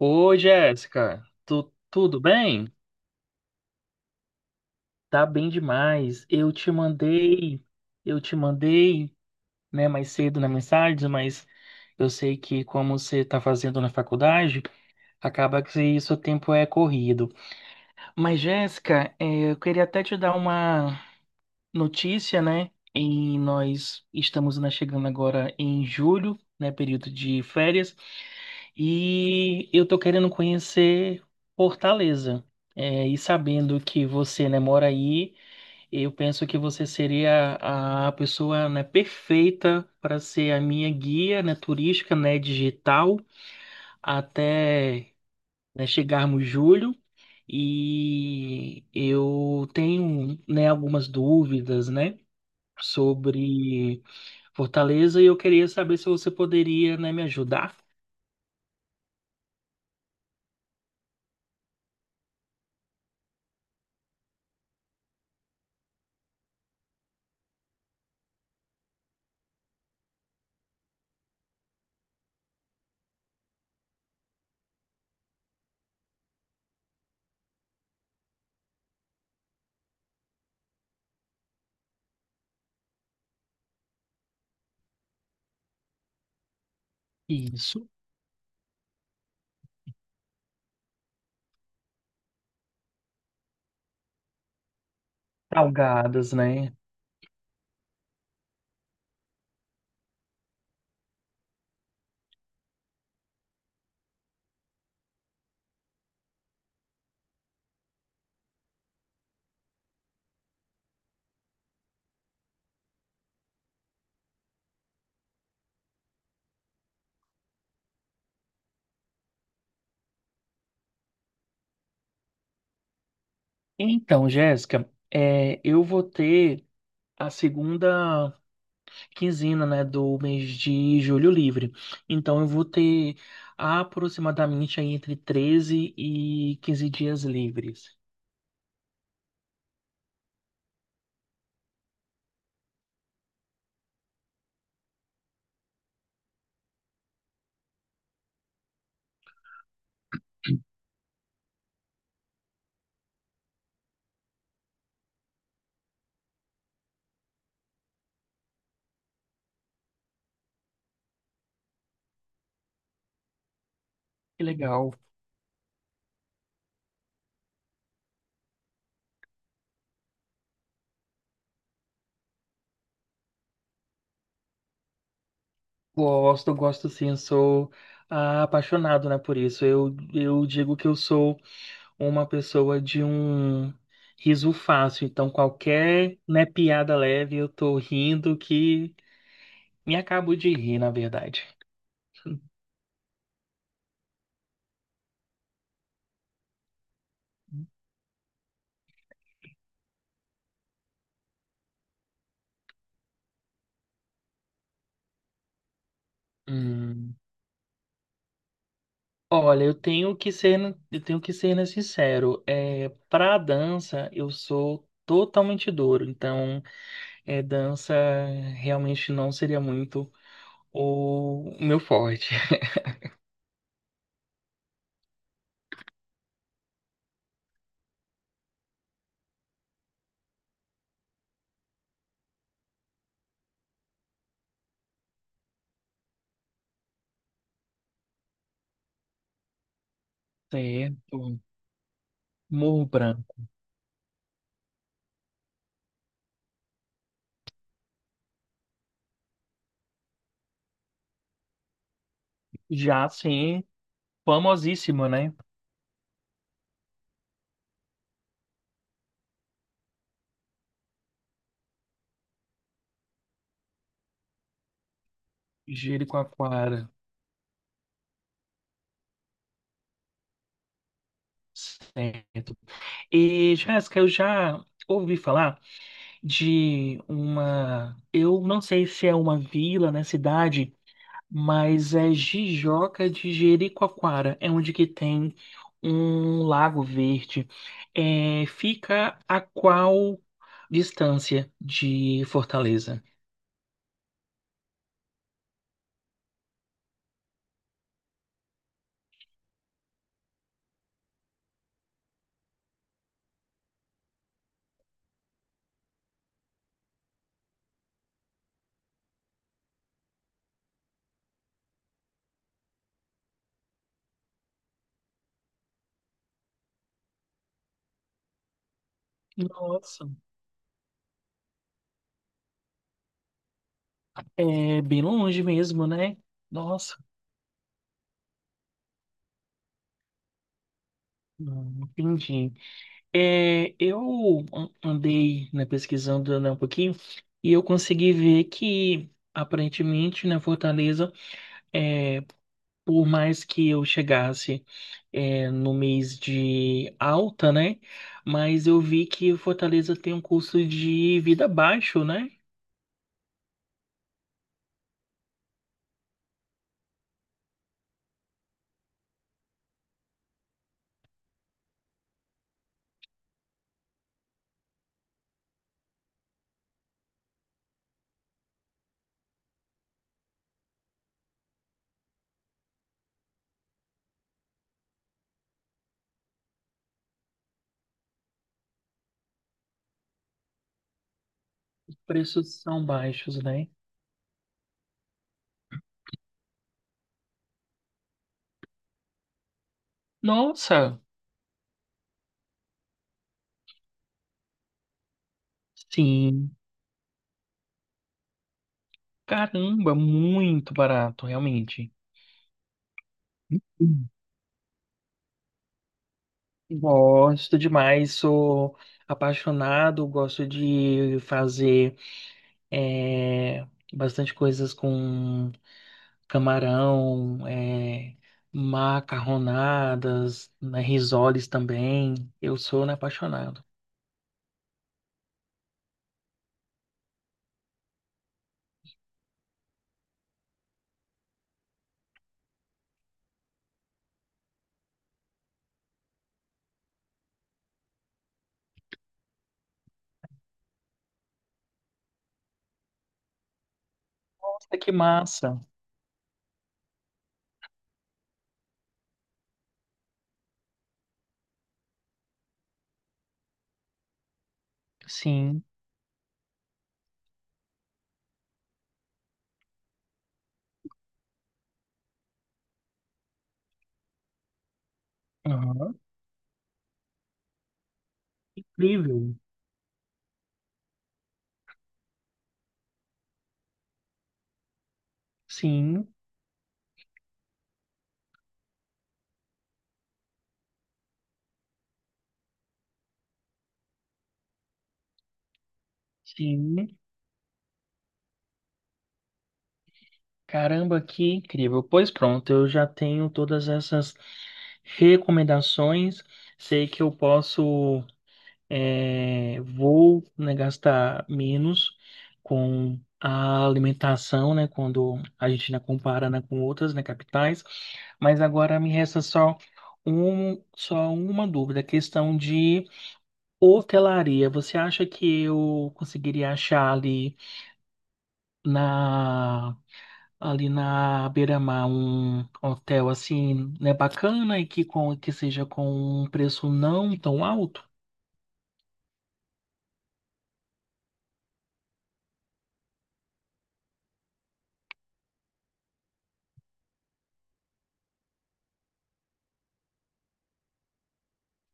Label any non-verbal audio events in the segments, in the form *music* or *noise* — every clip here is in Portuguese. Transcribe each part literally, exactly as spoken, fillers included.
Oi, Jéssica, tu, tudo bem? Tá bem demais. Eu te mandei, eu te mandei, né, mais cedo na mensagem, mas eu sei que como você tá fazendo na faculdade, acaba que seu tempo é corrido. Mas, Jéssica, eh, eu queria até te dar uma notícia, né? E nós estamos né, chegando agora em julho, né, período de férias. E eu tô querendo conhecer Fortaleza. É, e sabendo que você, né, mora aí, eu penso que você seria a pessoa, né, perfeita para ser a minha guia, né, turística, né, digital, até, né, chegarmos julho. E eu tenho, né, algumas dúvidas, né, sobre Fortaleza e eu queria saber se você poderia, né, me ajudar. Isso. Salgadas, né? Então, Jéssica, é, eu vou ter a segunda quinzena, né, do mês de julho livre. Então, eu vou ter aproximadamente aí entre treze e quinze dias livres. Que legal. Gosto, gosto sim, sou ah, apaixonado, né, por isso. Eu, eu digo que eu sou uma pessoa de um riso fácil. Então, qualquer, né, piada leve, eu tô rindo que me acabo de rir, na verdade. Hum. Olha, eu tenho que ser, eu tenho que ser né, sincero. É, para dança, eu sou totalmente duro. Então, é, dança realmente não seria muito o meu forte. *laughs* Certo. Morro Branco. Já sim, famosíssimo, né? Jericoacoara. Certo. E, Jéssica, eu já ouvi falar de uma. Eu não sei se é uma vila, né? Cidade. Mas é Jijoca de Jericoacoara. É onde que tem um lago verde. É, fica a qual distância de Fortaleza? Nossa, é bem longe mesmo, né? Nossa, hum, entendi. É, eu an- andei, né, pesquisando, né, um pouquinho e eu consegui ver que aparentemente, na Fortaleza, é, por mais que eu chegasse é, no mês de alta, né? Mas eu vi que o Fortaleza tem um custo de vida baixo, né? Preços são baixos, né? Nossa, sim, caramba, muito barato, realmente. Hum. Gosto demais, sou apaixonado, gosto de fazer é, bastante coisas com camarão, é, macarronadas, né, risoles também. Eu sou né, apaixonado. Nossa, que massa! Sim. Aham. Incrível. Sim, sim. Caramba, que incrível. Pois pronto, eu já tenho todas essas recomendações. Sei que eu posso. É, vou, né, gastar menos com a alimentação, né, quando a gente né, compara, né, com outras, né, capitais. Mas agora me resta só um, só uma dúvida, a questão de hotelaria. Você acha que eu conseguiria achar ali na ali na beira-mar um hotel assim, né, bacana e que com que seja com um preço não tão alto?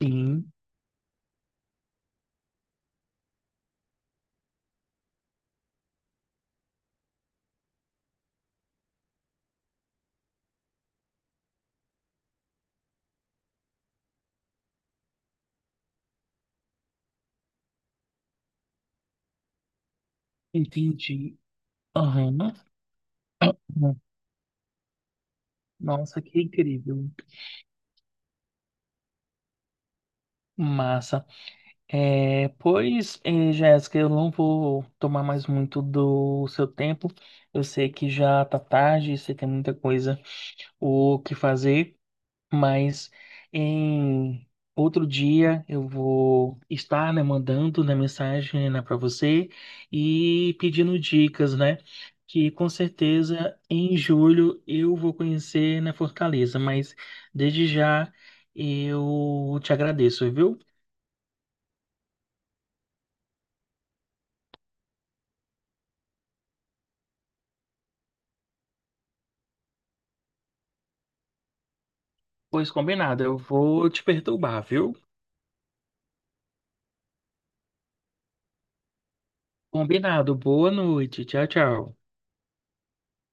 Sim, entendi. Aham. Hum. Nossa, que incrível. Massa. É, pois, eh, Jéssica, eu não vou tomar mais muito do seu tempo. Eu sei que já tá tarde, você tem muita coisa o que fazer. Mas em outro dia eu vou estar, né, mandando né, mensagem né, para você e pedindo dicas, né? Que com certeza em julho eu vou conhecer na Fortaleza, mas desde já eu te agradeço, viu? Pois combinado, eu vou te perturbar, viu? Combinado, boa noite, tchau, tchau.